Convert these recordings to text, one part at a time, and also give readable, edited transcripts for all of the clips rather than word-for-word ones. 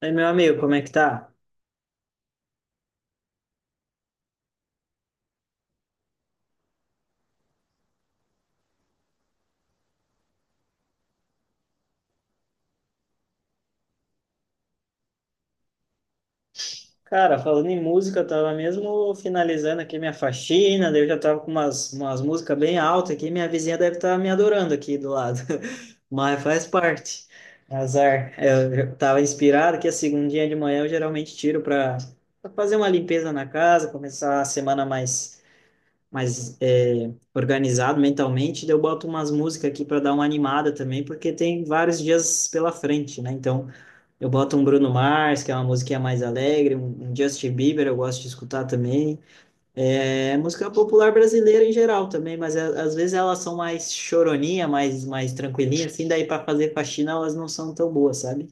Aí, meu amigo, como é que tá? Cara, falando em música, eu tava mesmo finalizando aqui minha faxina, daí eu já tava com umas músicas bem altas aqui, minha vizinha deve estar me adorando aqui do lado, mas faz parte, azar. Eu já tava inspirado que a segundinha de manhã eu geralmente tiro para fazer uma limpeza na casa, começar a semana mais organizado mentalmente, daí eu boto umas músicas aqui para dar uma animada também, porque tem vários dias pela frente, né? Então. Eu boto um Bruno Mars, que é uma musiquinha mais alegre, um Justin Bieber, eu gosto de escutar também. É música popular brasileira em geral também, mas às vezes elas são mais choroninha, mais tranquilinha, assim, daí para fazer faxina elas não são tão boas, sabe?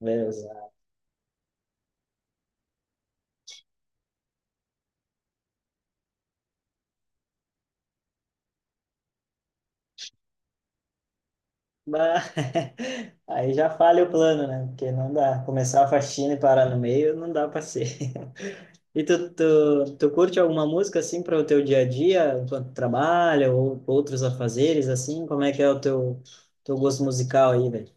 Beleza. Mas aí já falha o plano, né? Porque não dá. Começar a faxina e parar no meio, não dá para ser. E tu curte alguma música assim para o teu dia a dia, enquanto trabalha ou outros afazeres assim? Como é que é o teu gosto musical aí, velho?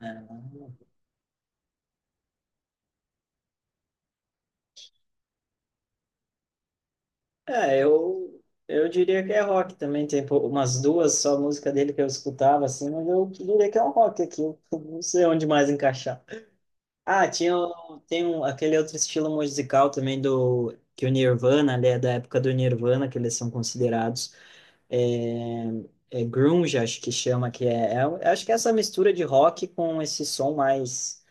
É, é, eu diria que é rock também. Tem umas duas só música dele que eu escutava assim, mas eu diria que é um rock aqui. Eu não sei onde mais encaixar. Ah, tinha, tem um, aquele outro estilo musical também do que o Nirvana, né, da época do Nirvana, que eles são considerados. é é grunge, acho que chama, que é, um, acho que é essa mistura de rock com esse som mais,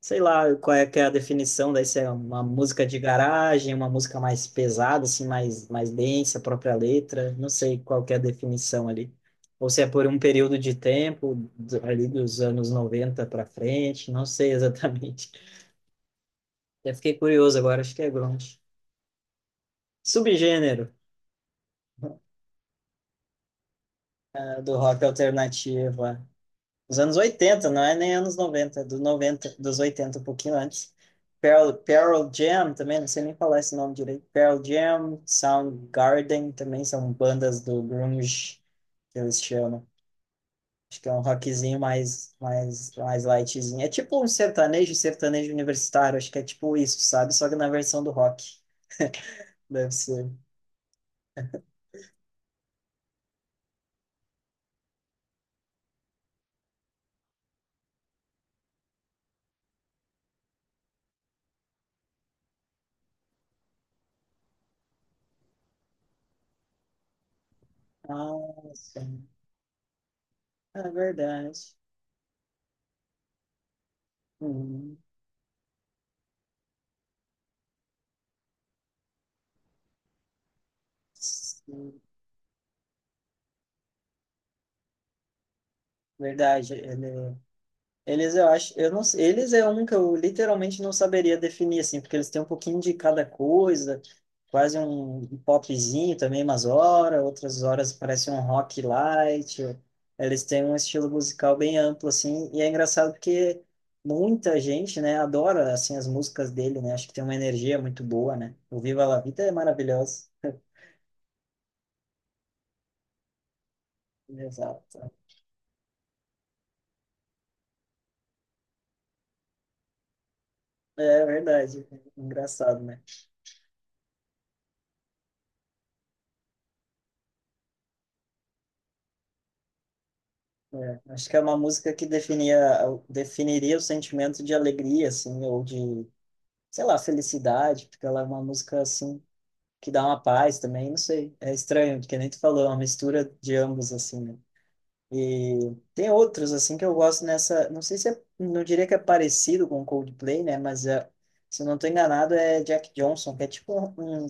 sei lá, qual é que é a definição daí, se é uma música de garagem, uma música mais pesada, assim, mais, mais densa, a própria letra, não sei qual que é a definição ali. Ou se é por um período de tempo, ali dos anos 90 para frente, não sei exatamente. Já fiquei curioso agora, acho que é grunge. Subgênero, né, do rock alternativo. É. Os anos 80 não é nem anos 90 é do 90, dos 80 um pouquinho antes. Pearl Jam também, não sei nem falar esse nome direito. Pearl Jam, Soundgarden também são bandas do grunge, que eles chamam. Acho que é um rockzinho mais lightzinho. É tipo um sertanejo, sertanejo universitário, acho que é tipo isso, sabe? Só que na versão do rock. Deve ser. Nossa, é verdade. Hum, sim, verdade, Eles, eu acho, eu não, sei- eles é um que eu literalmente não saberia definir, assim, porque eles têm um pouquinho de cada coisa, quase um popzinho também, umas horas, outras horas parece um rock light. Eles têm um estilo musical bem amplo, assim, e é engraçado porque muita gente, né, adora, assim, as músicas dele, né, acho que tem uma energia muito boa, né. O Viva La Vida é maravilhoso. Exato. É verdade, é engraçado, né. É, acho que é uma música que definiria o sentimento de alegria, assim, ou de, sei lá, felicidade, porque ela é uma música, assim, que dá uma paz também, não sei. É estranho, porque nem tu falou, é uma mistura de ambos, assim, né? E tem outros, assim, que eu gosto nessa, não sei se é, não diria que é parecido com Coldplay, né? Mas, é, se eu não tô enganado, é Jack Johnson, que é tipo um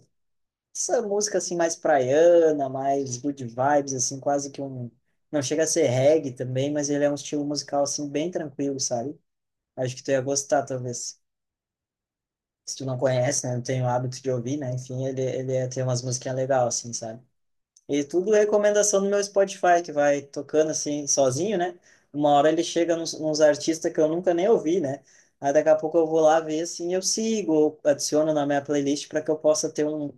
essa música assim mais praiana, mais good vibes, assim, quase que um. Não chega a ser reggae também, mas ele é um estilo musical assim bem tranquilo, sabe? Acho que tu ia gostar, talvez. Se tu não conhece, né? Não tem o hábito de ouvir, né? Enfim, ele ia ter umas musiquinhas legais, assim, sabe? E tudo recomendação do meu Spotify, que vai tocando assim, sozinho, né? Uma hora ele chega nos artistas que eu nunca nem ouvi, né? Aí daqui a pouco eu vou lá ver, assim, eu sigo, ou adiciono na minha playlist para que eu possa ter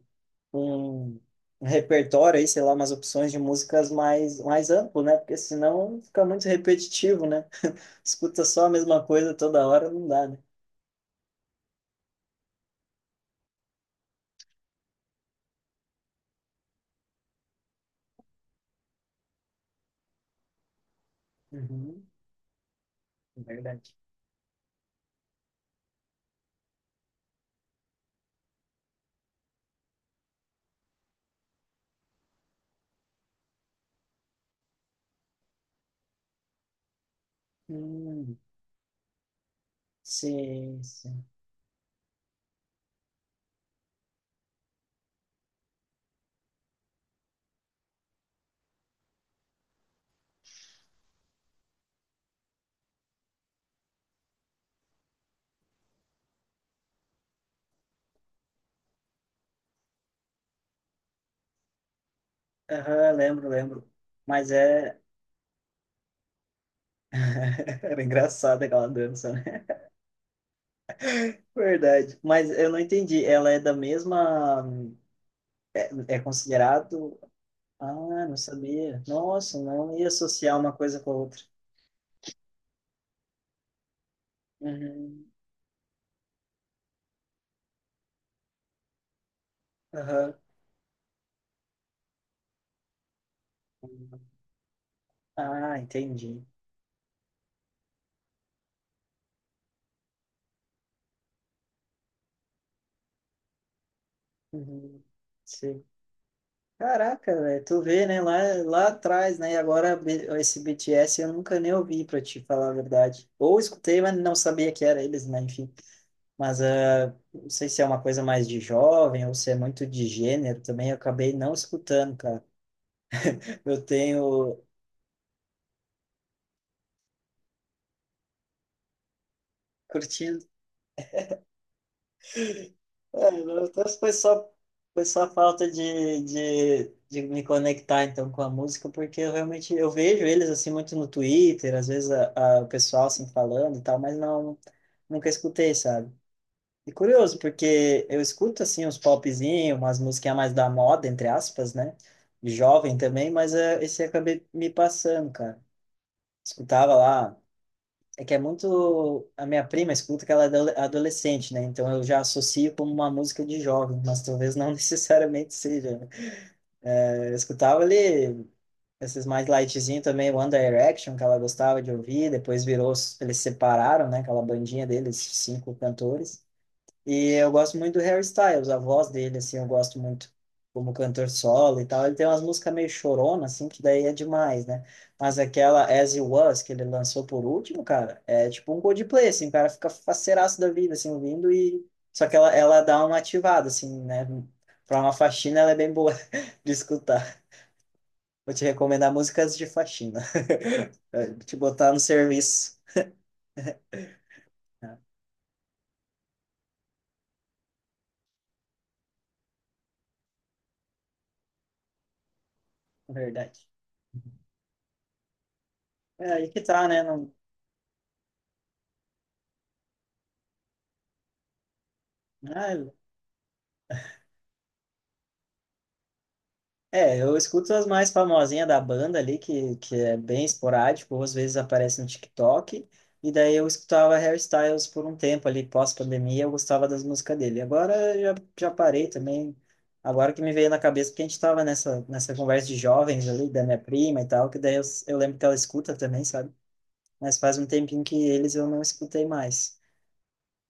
um, um repertório aí, sei lá, umas opções de músicas mais amplo, né? Porque senão fica muito repetitivo, né? Escuta só a mesma coisa toda hora, não dá, né? Uhum, é verdade. Hum, sim, sim. Aham, lembro, lembro. Mas é, era engraçada aquela dança, né? Verdade. Mas eu não entendi. Ela é da mesma. É, é considerado. Ah, não sabia. Nossa, não ia associar uma coisa com a outra. Uhum. Aham. Ah, entendi. Uhum. Sim. Caraca, velho, tu vê, né, lá, atrás, né, e agora esse BTS eu nunca nem ouvi, pra te falar a verdade. Ou escutei, mas não sabia que era eles, né, enfim. Mas não sei se é uma coisa mais de jovem ou se é muito de gênero também, eu acabei não escutando, cara. Eu tenho curtido. É, foi só, foi só falta de me conectar então com a música, porque eu realmente eu vejo eles assim muito no Twitter, às vezes o pessoal assim falando e tal, mas não, nunca escutei, sabe? E curioso, porque eu escuto assim uns popzinhos, umas musiquinhas mais da moda, entre aspas, né? Jovem também, mas esse acabei me passando, cara. Escutava lá. É que é muito. A minha prima escuta que ela é adolescente, né? Então eu já associo como uma música de jovem, mas talvez não necessariamente seja, né? Eu escutava ali esses mais lightzinho também, One Direction, que ela gostava de ouvir, depois virou. Eles separaram, né? Aquela bandinha deles, cinco cantores. E eu gosto muito do Harry Styles, a voz dele, assim, eu gosto muito como cantor solo e tal. Ele tem umas músicas meio chorona, assim, que daí é demais, né? Mas aquela As You Was, que ele lançou por último, cara, é tipo um Coldplay, assim, o cara fica faceiraço da vida, assim, ouvindo e... Só que ela dá uma ativada, assim, né? Pra uma faxina, ela é bem boa de escutar. Vou te recomendar músicas de faxina. Te botar no serviço. É, verdade. É aí que tá, né? Não... Ah, é, eu escuto as mais famosinhas da banda ali, que é bem esporádico, ou às vezes aparece no TikTok, e daí eu escutava Harry Styles por um tempo ali, pós-pandemia, eu gostava das músicas dele. Agora eu já parei também, agora que me veio na cabeça, porque a gente tava nessa conversa de jovens ali, da minha prima e tal, que daí eu lembro que ela escuta também, sabe? Mas faz um tempinho que eles eu não escutei mais.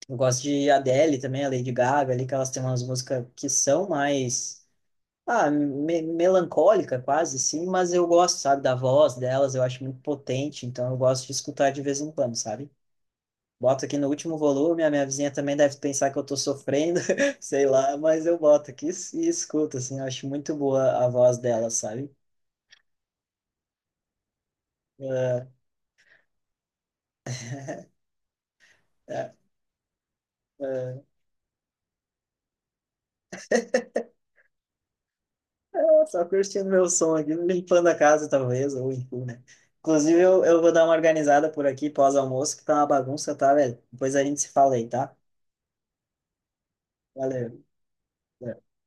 Eu gosto de Adele também, a Lady Gaga ali, que elas têm umas músicas que são mais melancólica quase, sim, mas eu gosto, sabe, da voz delas, eu acho muito potente, então eu gosto de escutar de vez em quando, sabe? Boto aqui no último volume, a minha vizinha também deve pensar que eu tô sofrendo, sei lá, mas eu boto aqui e escuto, assim, eu acho muito boa a voz delas, sabe? É, é, é. Ah, só curtindo meu som aqui, limpando a casa, talvez, ou enfim, né? Inclusive, eu vou dar uma organizada por aqui pós-almoço, que tá uma bagunça, tá, velho? Depois a gente se fala aí, tá? Valeu.